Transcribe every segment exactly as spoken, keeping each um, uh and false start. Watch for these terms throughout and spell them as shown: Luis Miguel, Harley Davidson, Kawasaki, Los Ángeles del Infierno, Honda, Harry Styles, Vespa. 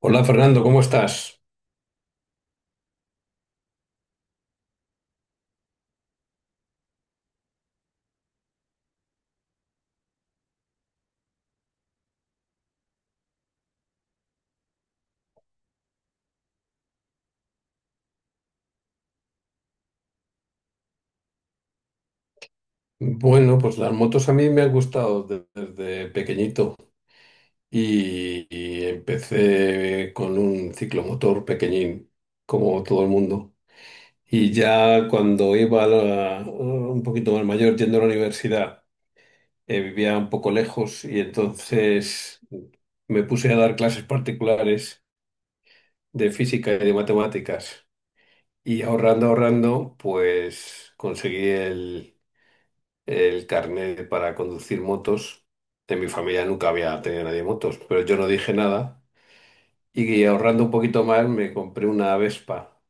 Hola Fernando, ¿cómo estás? Bueno, pues las motos a mí me han gustado de- desde pequeñito y, y empecé con un ciclomotor pequeñín, como todo el mundo. Y ya cuando iba a la- un poquito más mayor, yendo a la universidad, eh, vivía un poco lejos y entonces me puse a dar clases particulares de física y de matemáticas. Y ahorrando, ahorrando, pues conseguí el el carnet para conducir motos. En mi familia nunca había tenido nadie motos, pero yo no dije nada. Y ahorrando un poquito más, me compré una Vespa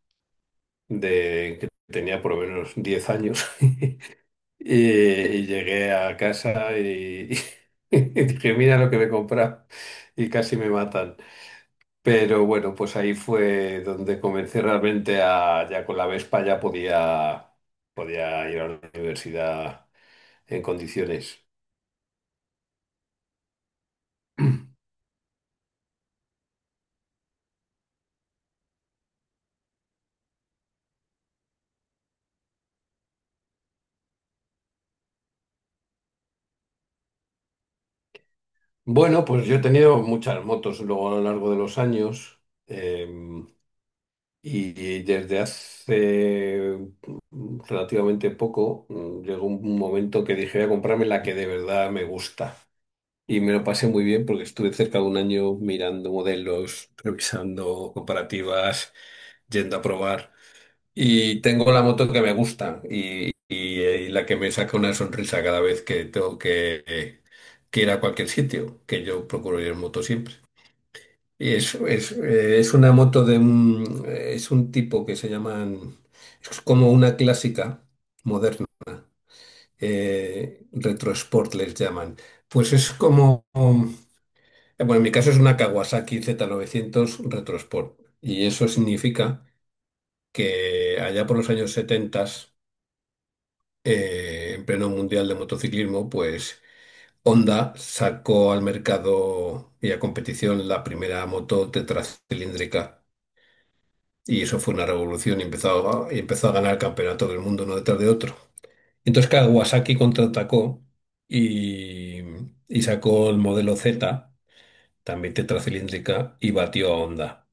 de que tenía por lo menos diez años. Y, y llegué a casa y, y dije, mira lo que me he comprado. Y casi me matan. Pero bueno, pues ahí fue donde comencé realmente a, ya con la Vespa ya podía, podía ir a la universidad en condiciones. Bueno, pues yo he tenido muchas motos luego a lo largo de los años em, y, y desde hace mm, relativamente poco mm, llegó un momento que dije voy a comprarme la que de verdad me gusta y me lo pasé muy bien porque estuve cerca de un año mirando modelos, revisando comparativas, yendo a probar y tengo la moto que me gusta y, y- eh, y la que me saca una sonrisa cada vez que tengo que, eh, que ir a cualquier sitio, que yo procuro ir en moto siempre. Es, es, eh, es una moto de un, eh, es un tipo que se llaman, es como una clásica moderna, eh, retro sport les llaman. Pues es como, um, eh, bueno, en mi caso es una Kawasaki z novecientos retro sport y eso significa que allá por los años setenta, eh, en pleno mundial de motociclismo, pues Honda sacó al mercado y a competición la primera moto tetracilíndrica. Y eso fue una revolución y empezó a, empezó a ganar campeonato del mundo uno detrás de otro. Entonces claro, Kawasaki contraatacó y, y sacó el modelo Z, también tetracilíndrica, y batió a Honda.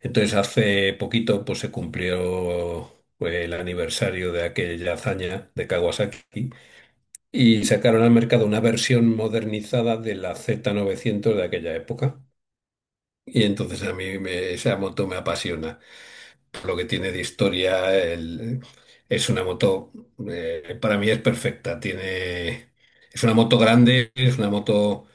Entonces hace poquito pues, se cumplió pues, el aniversario de aquella hazaña de Kawasaki y sacaron al mercado una versión modernizada de la z novecientos de aquella época. Y entonces a mí me- esa moto me apasiona. Lo que tiene de historia, el- es una moto, eh, para mí es perfecta. Tiene, es una moto grande, es una moto,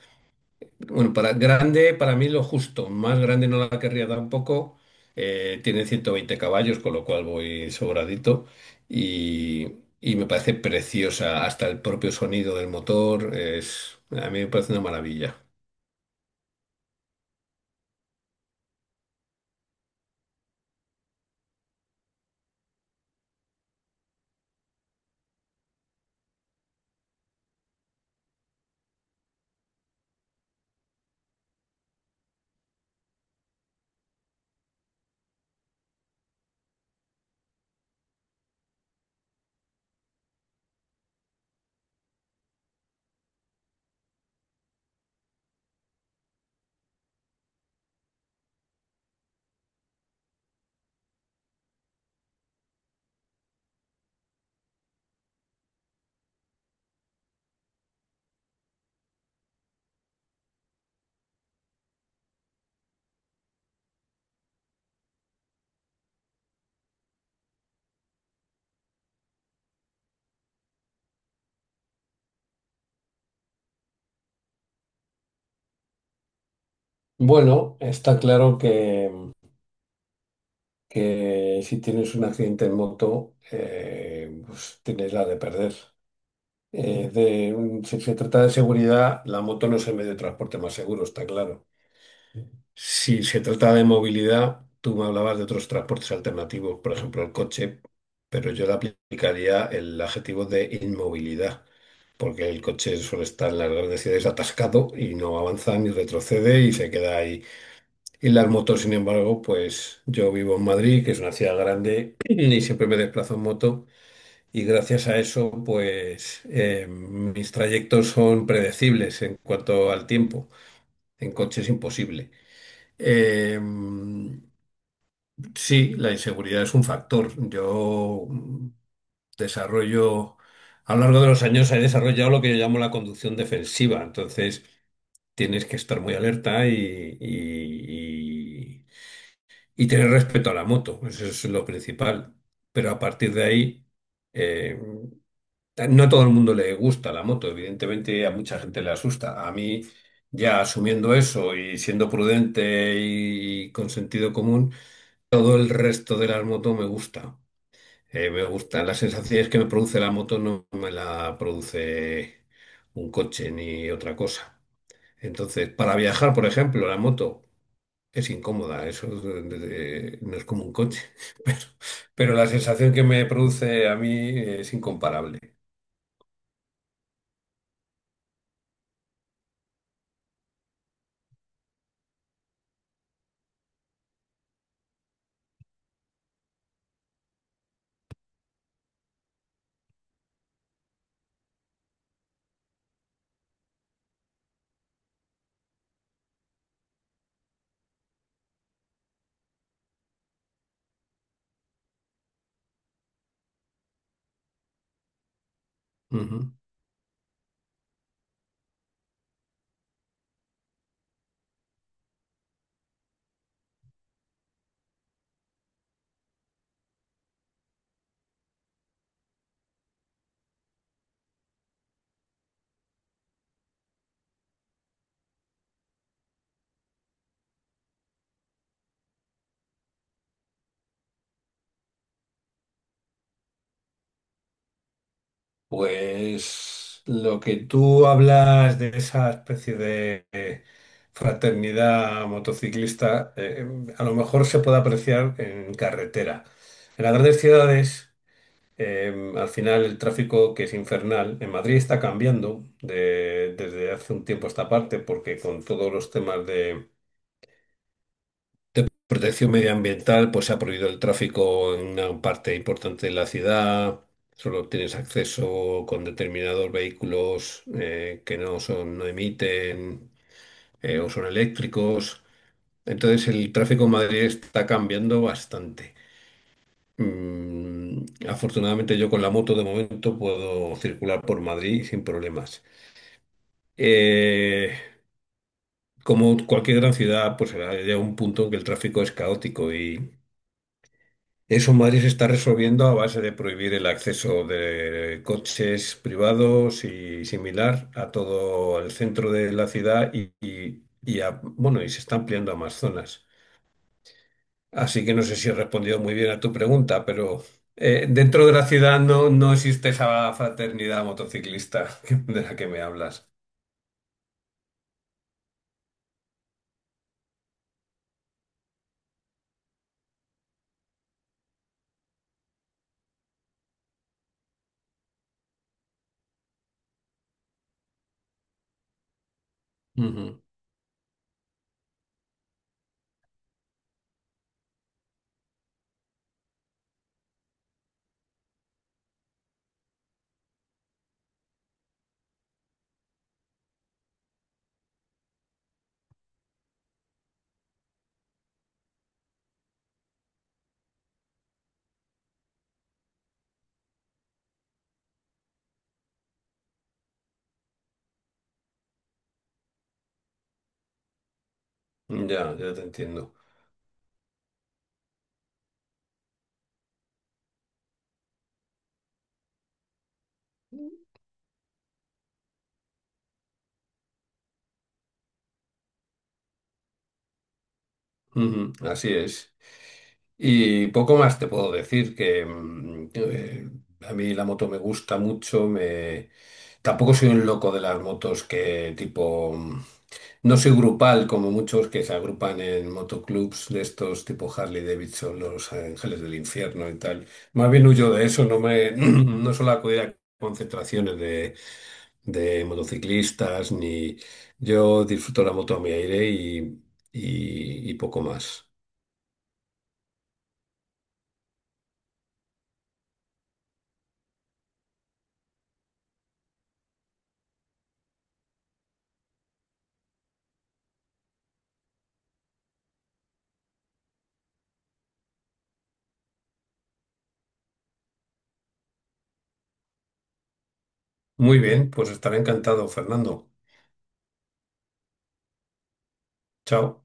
bueno, para grande, para mí lo justo, más grande no la querría tampoco. Eh, tiene ciento veinte caballos, con lo cual voy sobradito y, y me parece preciosa. Hasta el propio sonido del motor es, a mí me parece una maravilla. Bueno, está claro que que si tienes un accidente en moto, eh, pues tienes la de perder. Eh, de un- si se trata de seguridad, la moto no es el medio de transporte más seguro, está claro. Si se trata de movilidad, tú me hablabas de otros transportes alternativos, por ejemplo el coche, pero yo le aplicaría el adjetivo de inmovilidad, porque el coche suele estar en las grandes ciudades atascado y no avanza ni retrocede y se queda ahí. Y las motos, sin embargo, pues yo vivo en Madrid, que es una ciudad grande, y siempre me desplazo en moto. Y gracias a eso, pues eh, mis trayectos son predecibles en cuanto al tiempo. En coche es imposible. Eh, sí, la inseguridad es un factor. Yo mm, desarrollo, a lo largo de los años he desarrollado lo que yo llamo la conducción defensiva. Entonces, tienes que estar muy alerta y, y- y- y tener respeto a la moto, eso es lo principal. Pero a partir de ahí, eh, no a todo el mundo le gusta la moto, evidentemente a mucha gente le asusta. A mí, ya asumiendo eso y siendo prudente y con sentido común, todo el resto de las motos me gusta. Eh, me gustan las sensaciones que me produce la moto, no me la produce un coche ni otra cosa. Entonces, para viajar, por ejemplo, la moto. Es incómoda, eso es de- de- no es como un coche, pero, pero la sensación que me produce a mí es incomparable. Ujú. Pues lo que tú hablas de esa especie de eh, fraternidad motociclista, eh, a lo mejor se puede apreciar en carretera. En las grandes ciudades, eh, al final el tráfico que es infernal, en Madrid está cambiando de- desde hace un tiempo a esta parte, porque con todos los temas de protección medioambiental, pues se ha prohibido el tráfico en una parte importante de la ciudad. Solo tienes acceso con determinados vehículos eh, que no son, no emiten eh, o son eléctricos. Entonces el tráfico en Madrid está cambiando bastante. Mm, afortunadamente yo con la moto de momento puedo circular por Madrid sin problemas. Eh, Como cualquier gran ciudad, pues llega un punto en que el tráfico es caótico, y eso Madrid se está resolviendo a base de prohibir el acceso de coches privados y similar a todo el centro de la ciudad y, y- y a- bueno, y se está ampliando a más zonas. Así que no sé si he respondido muy bien a tu pregunta, pero eh, dentro de la ciudad no, no existe esa fraternidad motociclista de la que me hablas. Ujú. Ya, ya te entiendo. Ujú, así es. Y poco más te puedo decir que mm, eh, a mí la moto me gusta mucho, me... tampoco soy un loco de las motos que tipo... mm, No soy grupal como muchos que se agrupan en motoclubs de estos tipo Harley Davidson, Los Ángeles del Infierno y tal. Más bien huyo de eso, no me no suelo acudir a concentraciones de, de motociclistas, ni yo disfruto la moto a mi aire y, y y poco más. Muy bien, pues estaré encantado, Fernando. Chao.